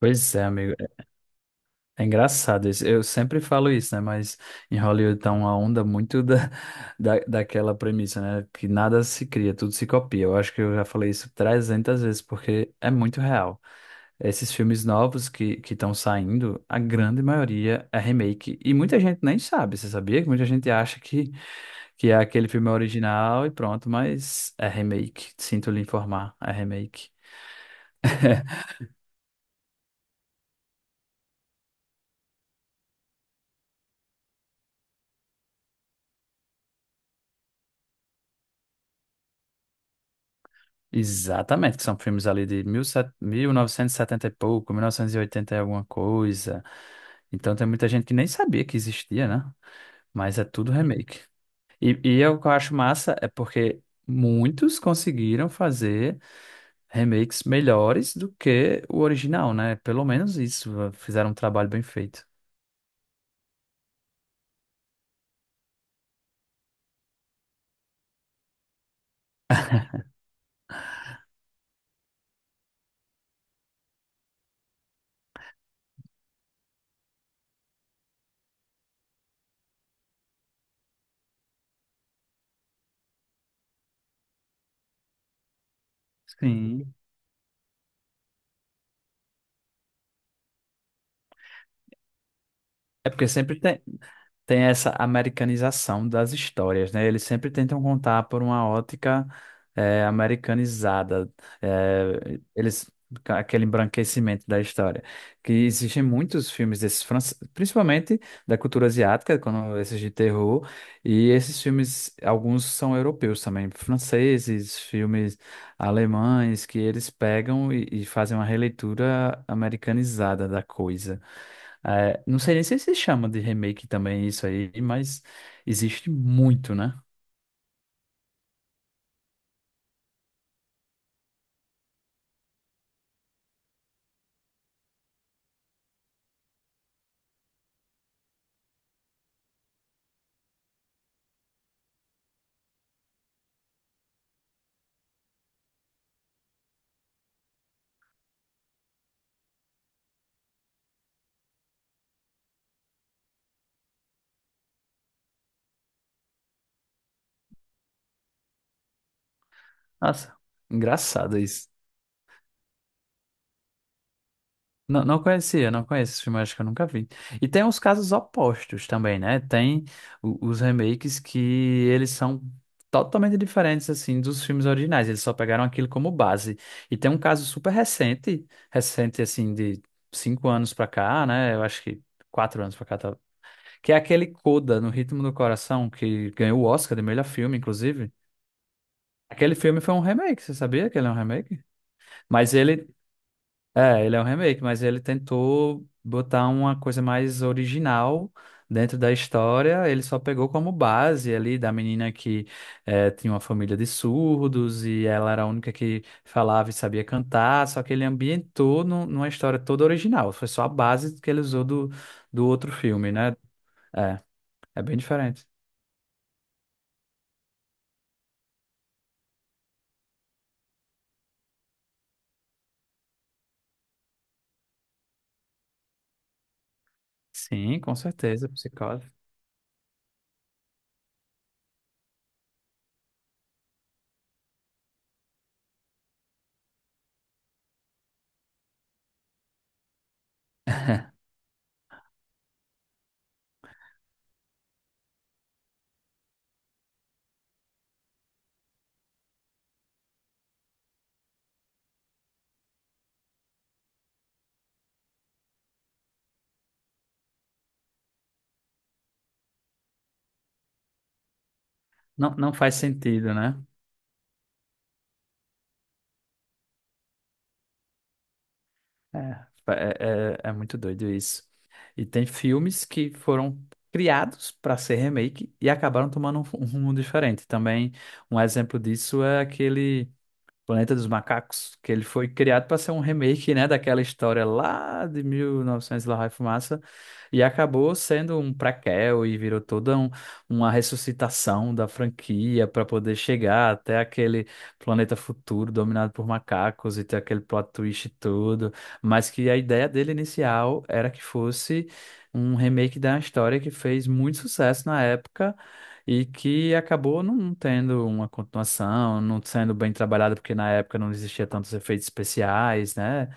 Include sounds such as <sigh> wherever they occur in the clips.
Pois é, amigo. É engraçado isso. Eu sempre falo isso, né? Mas em Hollywood tá uma onda muito <laughs> daquela premissa, né? Que nada se cria, tudo se copia. Eu acho que eu já falei isso 300 vezes, porque é muito real. Esses filmes novos que estão saindo, a grande maioria é remake. E muita gente nem sabe, você sabia? Que muita gente acha que é aquele filme original e pronto, mas é remake. Sinto lhe informar, é remake. Exatamente, que são filmes ali de mil novecentos e setenta e pouco, 1980 e oitenta e alguma coisa. Então tem muita gente que nem sabia que existia, né? Mas é tudo remake. E eu, o que eu acho massa é porque muitos conseguiram fazer remakes melhores do que o original, né? Pelo menos isso, fizeram um trabalho bem feito. Sim. É porque sempre tem. Tem essa americanização das histórias, né? Eles sempre tentam contar por uma ótica americanizada. eh, eles Aquele embranquecimento da história. Que existem muitos filmes desses, principalmente da cultura asiática, quando esses de terror, e esses filmes, alguns são europeus também, franceses, filmes alemães que eles pegam e fazem uma releitura americanizada da coisa. É, não sei nem se chama de remake também isso aí, mas existe muito, né? Nossa, engraçado isso. Não, não conhecia, não conheço esse filme, acho que eu nunca vi. E tem uns casos opostos também, né? Tem os remakes que eles são totalmente diferentes, assim, dos filmes originais. Eles só pegaram aquilo como base. E tem um caso super recente, recente, assim, de 5 anos pra cá, né? Eu acho que 4 anos pra cá, tá? Que é aquele Coda, No Ritmo do Coração, que ganhou o Oscar de melhor filme, inclusive. Aquele filme foi um remake, você sabia que ele é um remake? Mas ele é um remake, mas ele tentou botar uma coisa mais original dentro da história. Ele só pegou como base ali da menina que tinha uma família de surdos e ela era a única que falava e sabia cantar. Só que ele ambientou numa história toda original. Foi só a base que ele usou do outro filme, né? É, é bem diferente. Sim, com certeza, psicose. Não, não faz sentido, né? É, é, muito doido isso. E tem filmes que foram criados para ser remake e acabaram tomando um rumo diferente. Também um exemplo disso é aquele. Planeta dos Macacos, que ele foi criado para ser um remake, né, daquela história lá de 1900 e novecentos e lá vai fumaça, e acabou sendo um prequel e virou toda uma ressuscitação da franquia para poder chegar até aquele planeta futuro dominado por macacos e ter aquele plot twist e tudo, mas que a ideia dele inicial era que fosse um remake da história que fez muito sucesso na época e que acabou não tendo uma continuação, não sendo bem trabalhada, porque na época não existia tantos efeitos especiais, né?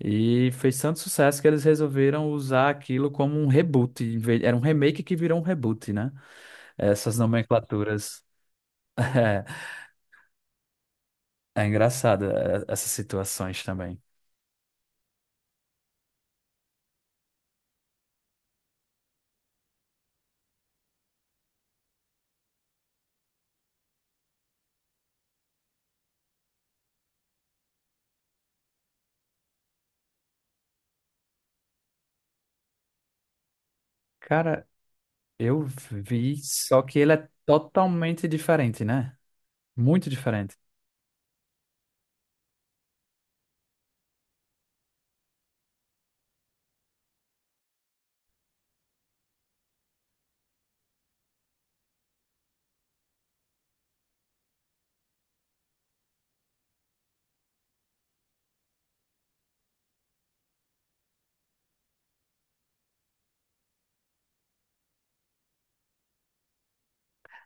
E fez tanto sucesso que eles resolveram usar aquilo como um reboot. Era um remake que virou um reboot, né? Essas nomenclaturas. <laughs> É engraçado, é essas situações também. Cara, eu vi, só que ele é totalmente diferente, né? Muito diferente.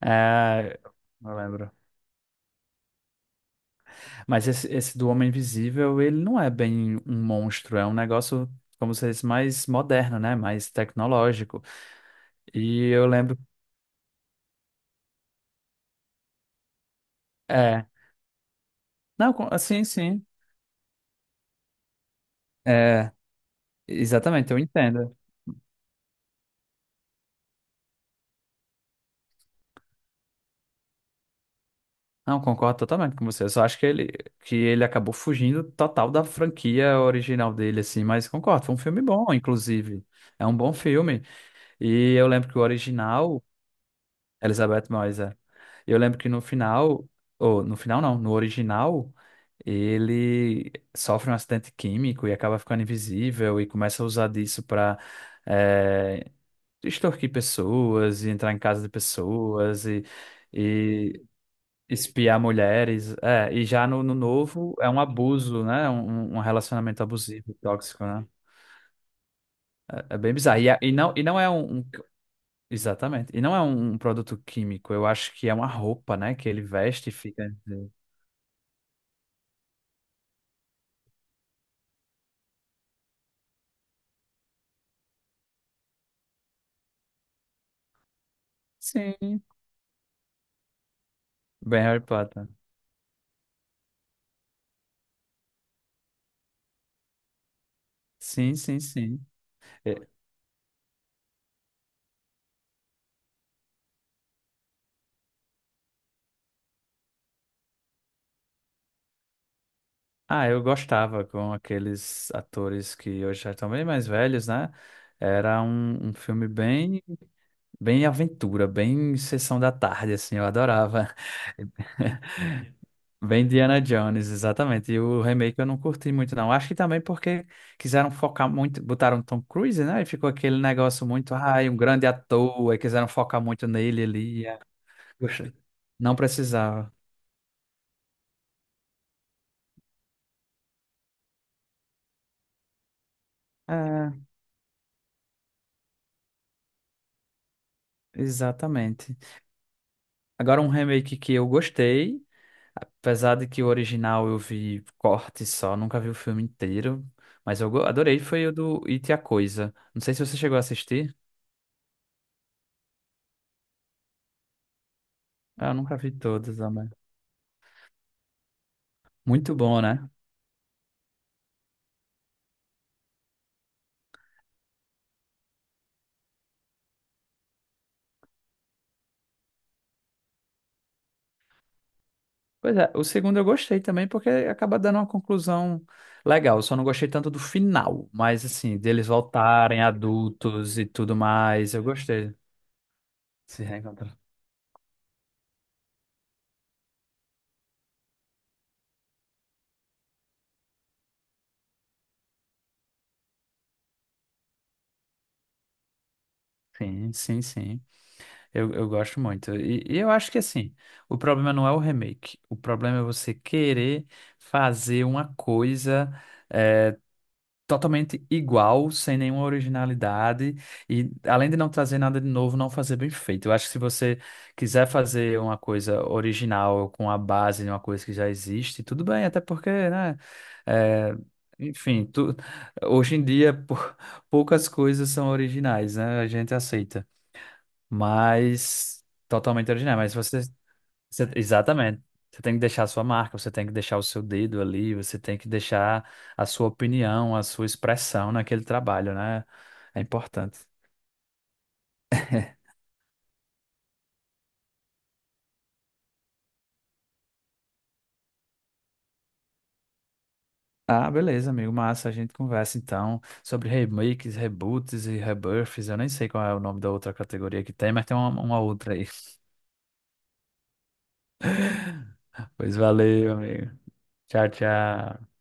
É, eu lembro. Mas esse do Homem Invisível, ele não é bem um monstro, é um negócio, como se disse, mais moderno, né? Mais tecnológico. E eu lembro. É. Não, assim, sim. É, exatamente, eu entendo. Não, concordo totalmente com você. Eu só acho que ele acabou fugindo total da franquia original dele, assim, mas concordo, foi um filme bom, inclusive. É um bom filme. E eu lembro que o original. Elizabeth Moyes, é. Eu lembro que no final, ou no final não, no original, ele sofre um acidente químico e acaba ficando invisível e começa a usar disso para extorquir pessoas e entrar em casa de pessoas e espiar mulheres. É, e já no novo é um abuso, né? Um relacionamento abusivo, tóxico, né? É bem bizarro. E não e não é um. Exatamente. E não é um produto químico, eu acho que é uma roupa, né? Que ele veste e fica. Sim. Bem Harry Potter. Sim, sim, sim. É. Ah, eu gostava com aqueles atores que hoje já estão bem mais velhos, né? Era um filme bem aventura, bem sessão da tarde, assim, eu adorava. <laughs> Bem Indiana Jones, exatamente. E o remake eu não curti muito, não. Acho que também porque quiseram focar muito, botaram Tom Cruise, né? E ficou aquele negócio muito, ai, um grande ator, e quiseram focar muito nele ali. É. Gostei. Não precisava. É, exatamente. Agora um remake que eu gostei, apesar de que o original eu vi corte só, nunca vi o filme inteiro, mas eu adorei, foi o do It e a Coisa. Não sei se você chegou a assistir. Ah, eu nunca vi todos, também. Muito bom, né? Pois é, o segundo eu gostei também, porque acaba dando uma conclusão legal. Eu só não gostei tanto do final, mas assim, deles voltarem adultos e tudo mais, eu gostei. Se reencontrar. Sim, sim, sim. Eu gosto muito. E eu acho que assim, o problema não é o remake. O problema é você querer fazer uma coisa. eh, Totalmente igual, sem nenhuma originalidade, e além de não trazer nada de novo, não fazer bem feito. Eu acho que se você quiser fazer uma coisa original com a base de uma coisa que já existe, tudo bem, até porque, né? É, enfim, hoje em dia <laughs> poucas coisas são originais, né? A gente aceita, mas totalmente original. Mas exatamente. Você tem que deixar a sua marca, você tem que deixar o seu dedo ali, você tem que deixar a sua opinião, a sua expressão naquele trabalho, né? É importante. Ah, beleza, amigo. Massa, a gente conversa então sobre remakes, reboots e rebirths. Eu nem sei qual é o nome da outra categoria que tem, mas tem uma outra aí. <laughs> Pois valeu, amigo. Tchau, tchau.